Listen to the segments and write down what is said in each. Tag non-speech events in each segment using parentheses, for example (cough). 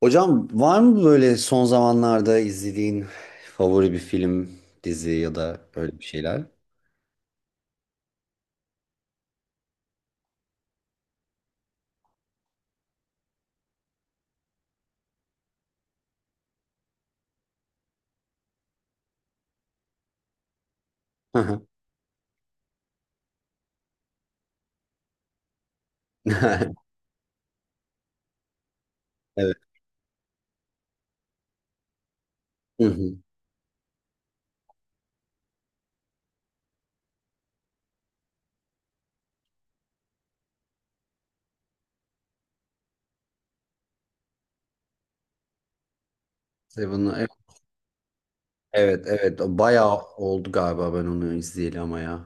Hocam var mı böyle son zamanlarda izlediğin favori bir film, dizi ya da öyle bir şeyler? Hı hı. (laughs) Evet. Hı hı. Seven'ı- Evet, evet, evet. O bayağı oldu galiba ben onu izleyeli ama ya.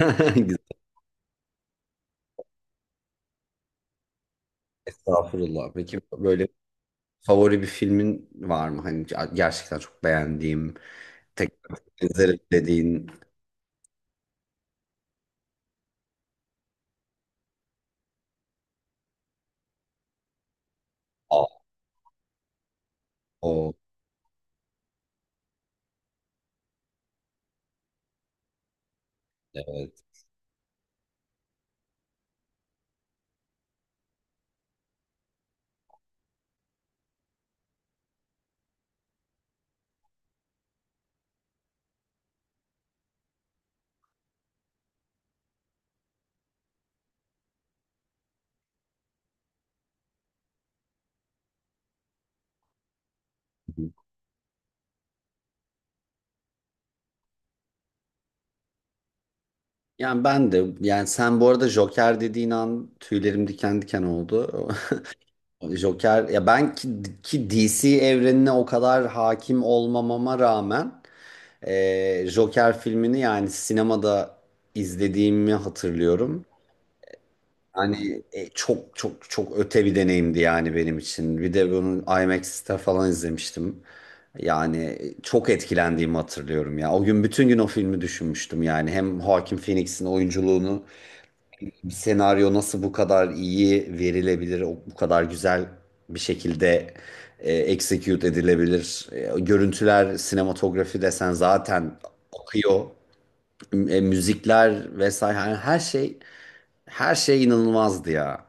(laughs) Güzel. Estağfurullah. Peki böyle favori bir filmin var mı? Hani gerçekten çok beğendiğim, tekrar izlerim dediğin. Aa, o evet. Yani ben de yani sen bu arada Joker dediğin an tüylerim diken diken oldu. (laughs) Joker ya ben ki, DC evrenine o kadar hakim olmamama rağmen Joker filmini yani sinemada izlediğimi hatırlıyorum. Yani çok çok çok öte bir deneyimdi yani benim için. Bir de bunu IMAX'te falan izlemiştim. Yani çok etkilendiğimi hatırlıyorum ya. O gün bütün gün o filmi düşünmüştüm yani. Hem Joaquin Phoenix'in oyunculuğunu, bir senaryo nasıl bu kadar iyi verilebilir, bu kadar güzel bir şekilde execute edilebilir. Görüntüler, sinematografi desen zaten akıyor. Müzikler vesaire yani her şey inanılmazdı ya.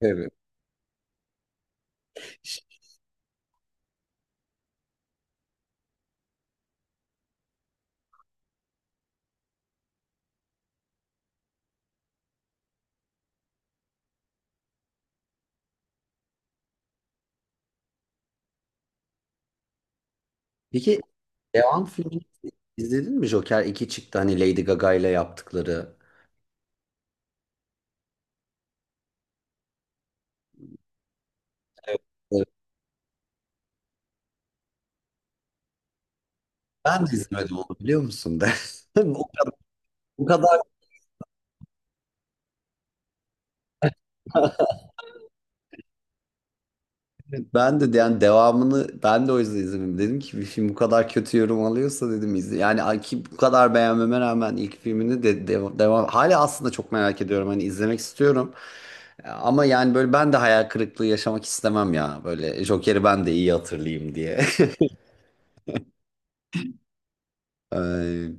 Evet. Peki devam filmini izledin mi? Joker 2 çıktı hani Lady Gaga ile yaptıkları. Evet, ben de izlemedim onu biliyor musun de. (laughs) O kadar, o kadar ben de yani devamını ben de o yüzden izlemedim. Dedim ki bir film bu kadar kötü yorum alıyorsa dedim izle. Yani ay ki bu kadar beğenmeme rağmen ilk filmini de devam hala aslında çok merak ediyorum hani izlemek istiyorum. Ama yani böyle ben de hayal kırıklığı yaşamak istemem ya. Böyle Joker'i ben de iyi hatırlayayım diye. (laughs) Ee,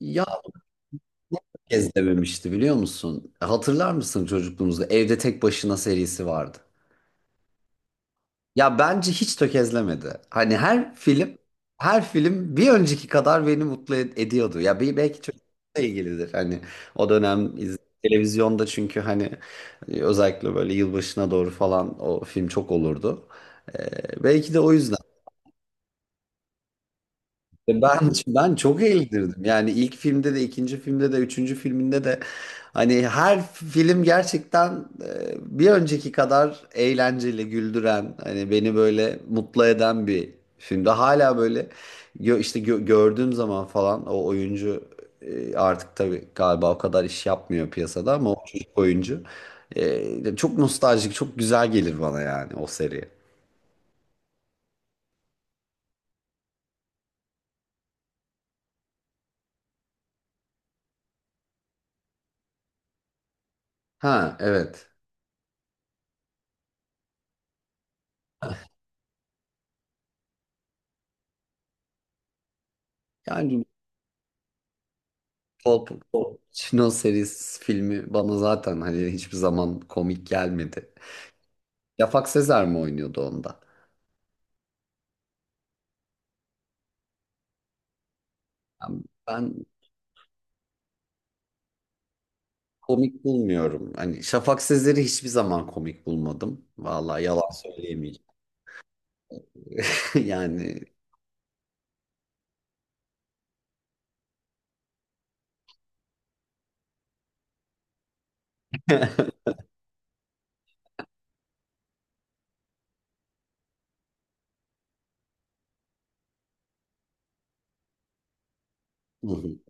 ya kez dememişti biliyor musun? Hatırlar mısın çocukluğumuzda Evde Tek Başına serisi vardı. Ya bence hiç tökezlemedi. Hani her film bir önceki kadar beni mutlu ediyordu. Ya belki çocuklukla ilgilidir. Hani o dönem televizyonda çünkü hani özellikle böyle yılbaşına doğru falan o film çok olurdu. Belki de o yüzden ben çok eğlenirdim. Yani ilk filmde de, ikinci filmde de, üçüncü filminde de hani her film gerçekten bir önceki kadar eğlenceli, güldüren, hani beni böyle mutlu eden bir filmde hala böyle gördüğüm zaman falan o oyuncu, artık tabii galiba o kadar iş yapmıyor piyasada ama o çocuk oyuncu çok nostaljik, çok güzel gelir bana yani o seri. Ha evet. Yani Pol- Çino serisi filmi bana zaten hani hiçbir zaman komik gelmedi. Şafak Sezer mi oynuyordu onda? Yani ben komik bulmuyorum. Hani Şafak Sezer'i hiçbir zaman komik bulmadım. Vallahi yalan söyleyemeyeceğim. (laughs) Yani (laughs)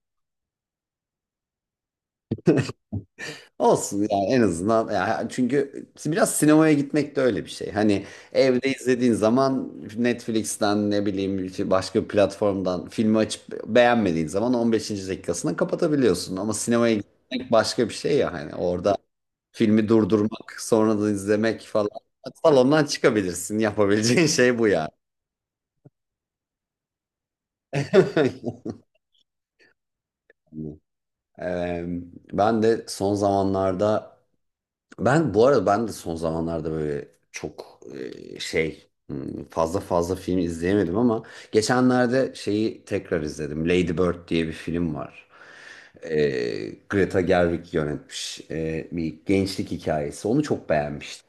olsun yani en azından ya çünkü biraz sinemaya gitmek de öyle bir şey. Hani evde izlediğin zaman Netflix'ten ne bileyim işte başka bir platformdan filmi açıp beğenmediğin zaman 15. dakikasını kapatabiliyorsun. Ama sinemaya gitmek başka bir şey ya hani orada filmi durdurmak sonra da izlemek falan. Salondan çıkabilirsin yapabileceğin şey bu ya. Yani, Eee, (laughs) ben de son zamanlarda ben bu arada ben de son zamanlarda böyle çok fazla film izleyemedim ama geçenlerde şeyi tekrar izledim. Lady Bird diye bir film var. E, Greta Gerwig yönetmiş bir gençlik hikayesi. Onu çok beğenmiştim.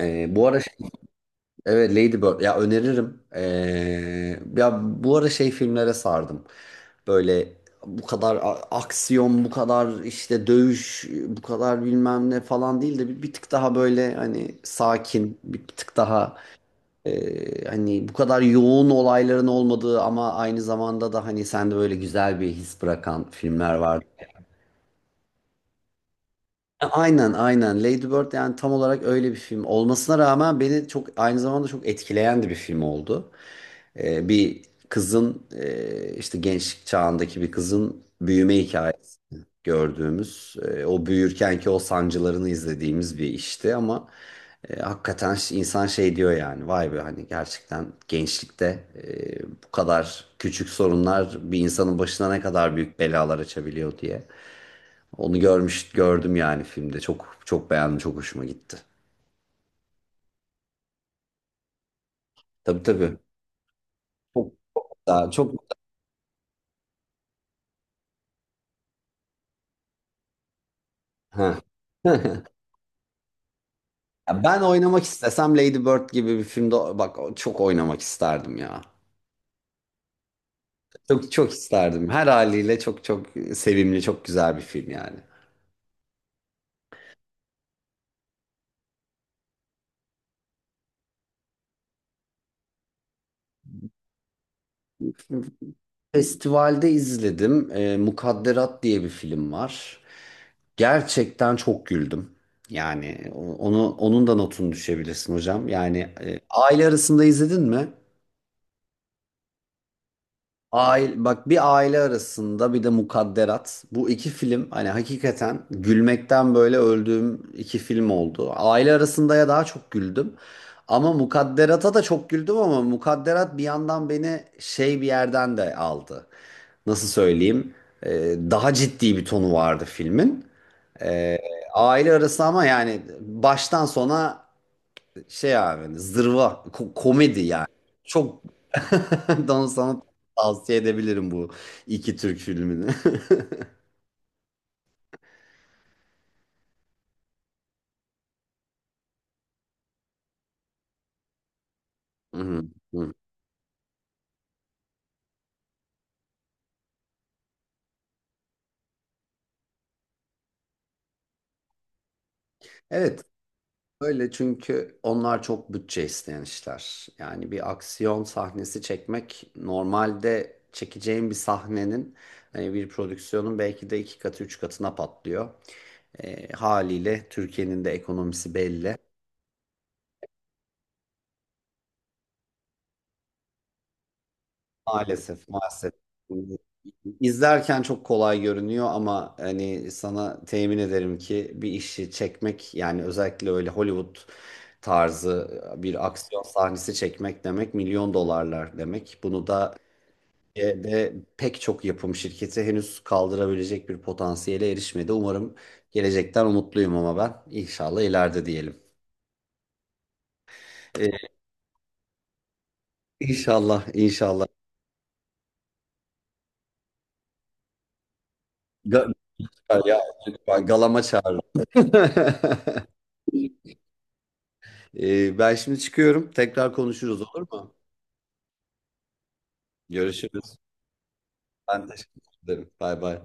E, bu ara evet Ladybird. Ya öneririm. Ya bu ara şey filmlere sardım. Böyle bu kadar aksiyon, bu kadar işte dövüş, bu kadar bilmem ne falan değil de bir, bir tık daha böyle hani sakin, bir, bir tık daha hani bu kadar yoğun olayların olmadığı ama aynı zamanda da hani sende böyle güzel bir his bırakan filmler var. Aynen Lady Bird yani tam olarak öyle bir film olmasına rağmen beni çok aynı zamanda çok etkileyen de bir film oldu. Bir kızın işte gençlik çağındaki bir kızın büyüme hikayesi gördüğümüz o büyürkenki o sancılarını izlediğimiz bir işti ama hakikaten insan şey diyor yani vay be hani gerçekten gençlikte bu kadar küçük sorunlar bir insanın başına ne kadar büyük belalar açabiliyor diye. Onu görmüş gördüm yani filmde. Çok çok beğendim, çok hoşuma gitti. Tabii tabii. Çok daha çok ha. (laughs) Ya ben oynamak istesem Lady Bird gibi bir filmde bak çok oynamak isterdim ya. Çok çok isterdim. Her haliyle çok çok sevimli, çok güzel bir film yani. Festivalde izledim. Mukadderat diye bir film var. Gerçekten çok güldüm. Yani onu onun da notunu düşebilirsin hocam. Yani aile arasında izledin mi? Aile, bak bir aile arasında bir de Mukadderat. Bu iki film hani hakikaten gülmekten böyle öldüğüm iki film oldu. Aile arasında ya daha çok güldüm. Ama Mukadderat'a da çok güldüm ama Mukadderat bir yandan beni şey bir yerden de aldı. Nasıl söyleyeyim? Daha ciddi bir tonu vardı filmin. Ee, aile arası ama yani baştan sona şey abi hani zırva komedi yani. Çok (laughs) don sana tavsiye edebilirim bu iki Türk filmini. (laughs) Hı hı, hı. Evet öyle çünkü onlar çok bütçe isteyen işler. Yani bir aksiyon sahnesi çekmek normalde çekeceğin bir sahnenin hani bir prodüksiyonun belki de iki katı üç katına patlıyor. Haliyle Türkiye'nin de ekonomisi belli. Maalesef, maalesef. İzlerken çok kolay görünüyor ama hani sana temin ederim ki bir işi çekmek yani özellikle öyle Hollywood tarzı bir aksiyon sahnesi çekmek demek milyon dolarlar demek. Bunu da de pek çok yapım şirketi henüz kaldırabilecek bir potansiyele erişmedi. Umarım gelecekten umutluyum ama ben inşallah ileride diyelim. İnşallah, inşallah. Ga- ya, lütfen galama çağırın. (laughs) Ben şimdi çıkıyorum. Tekrar konuşuruz olur mu? Görüşürüz. Ben teşekkür ederim. Bay bay.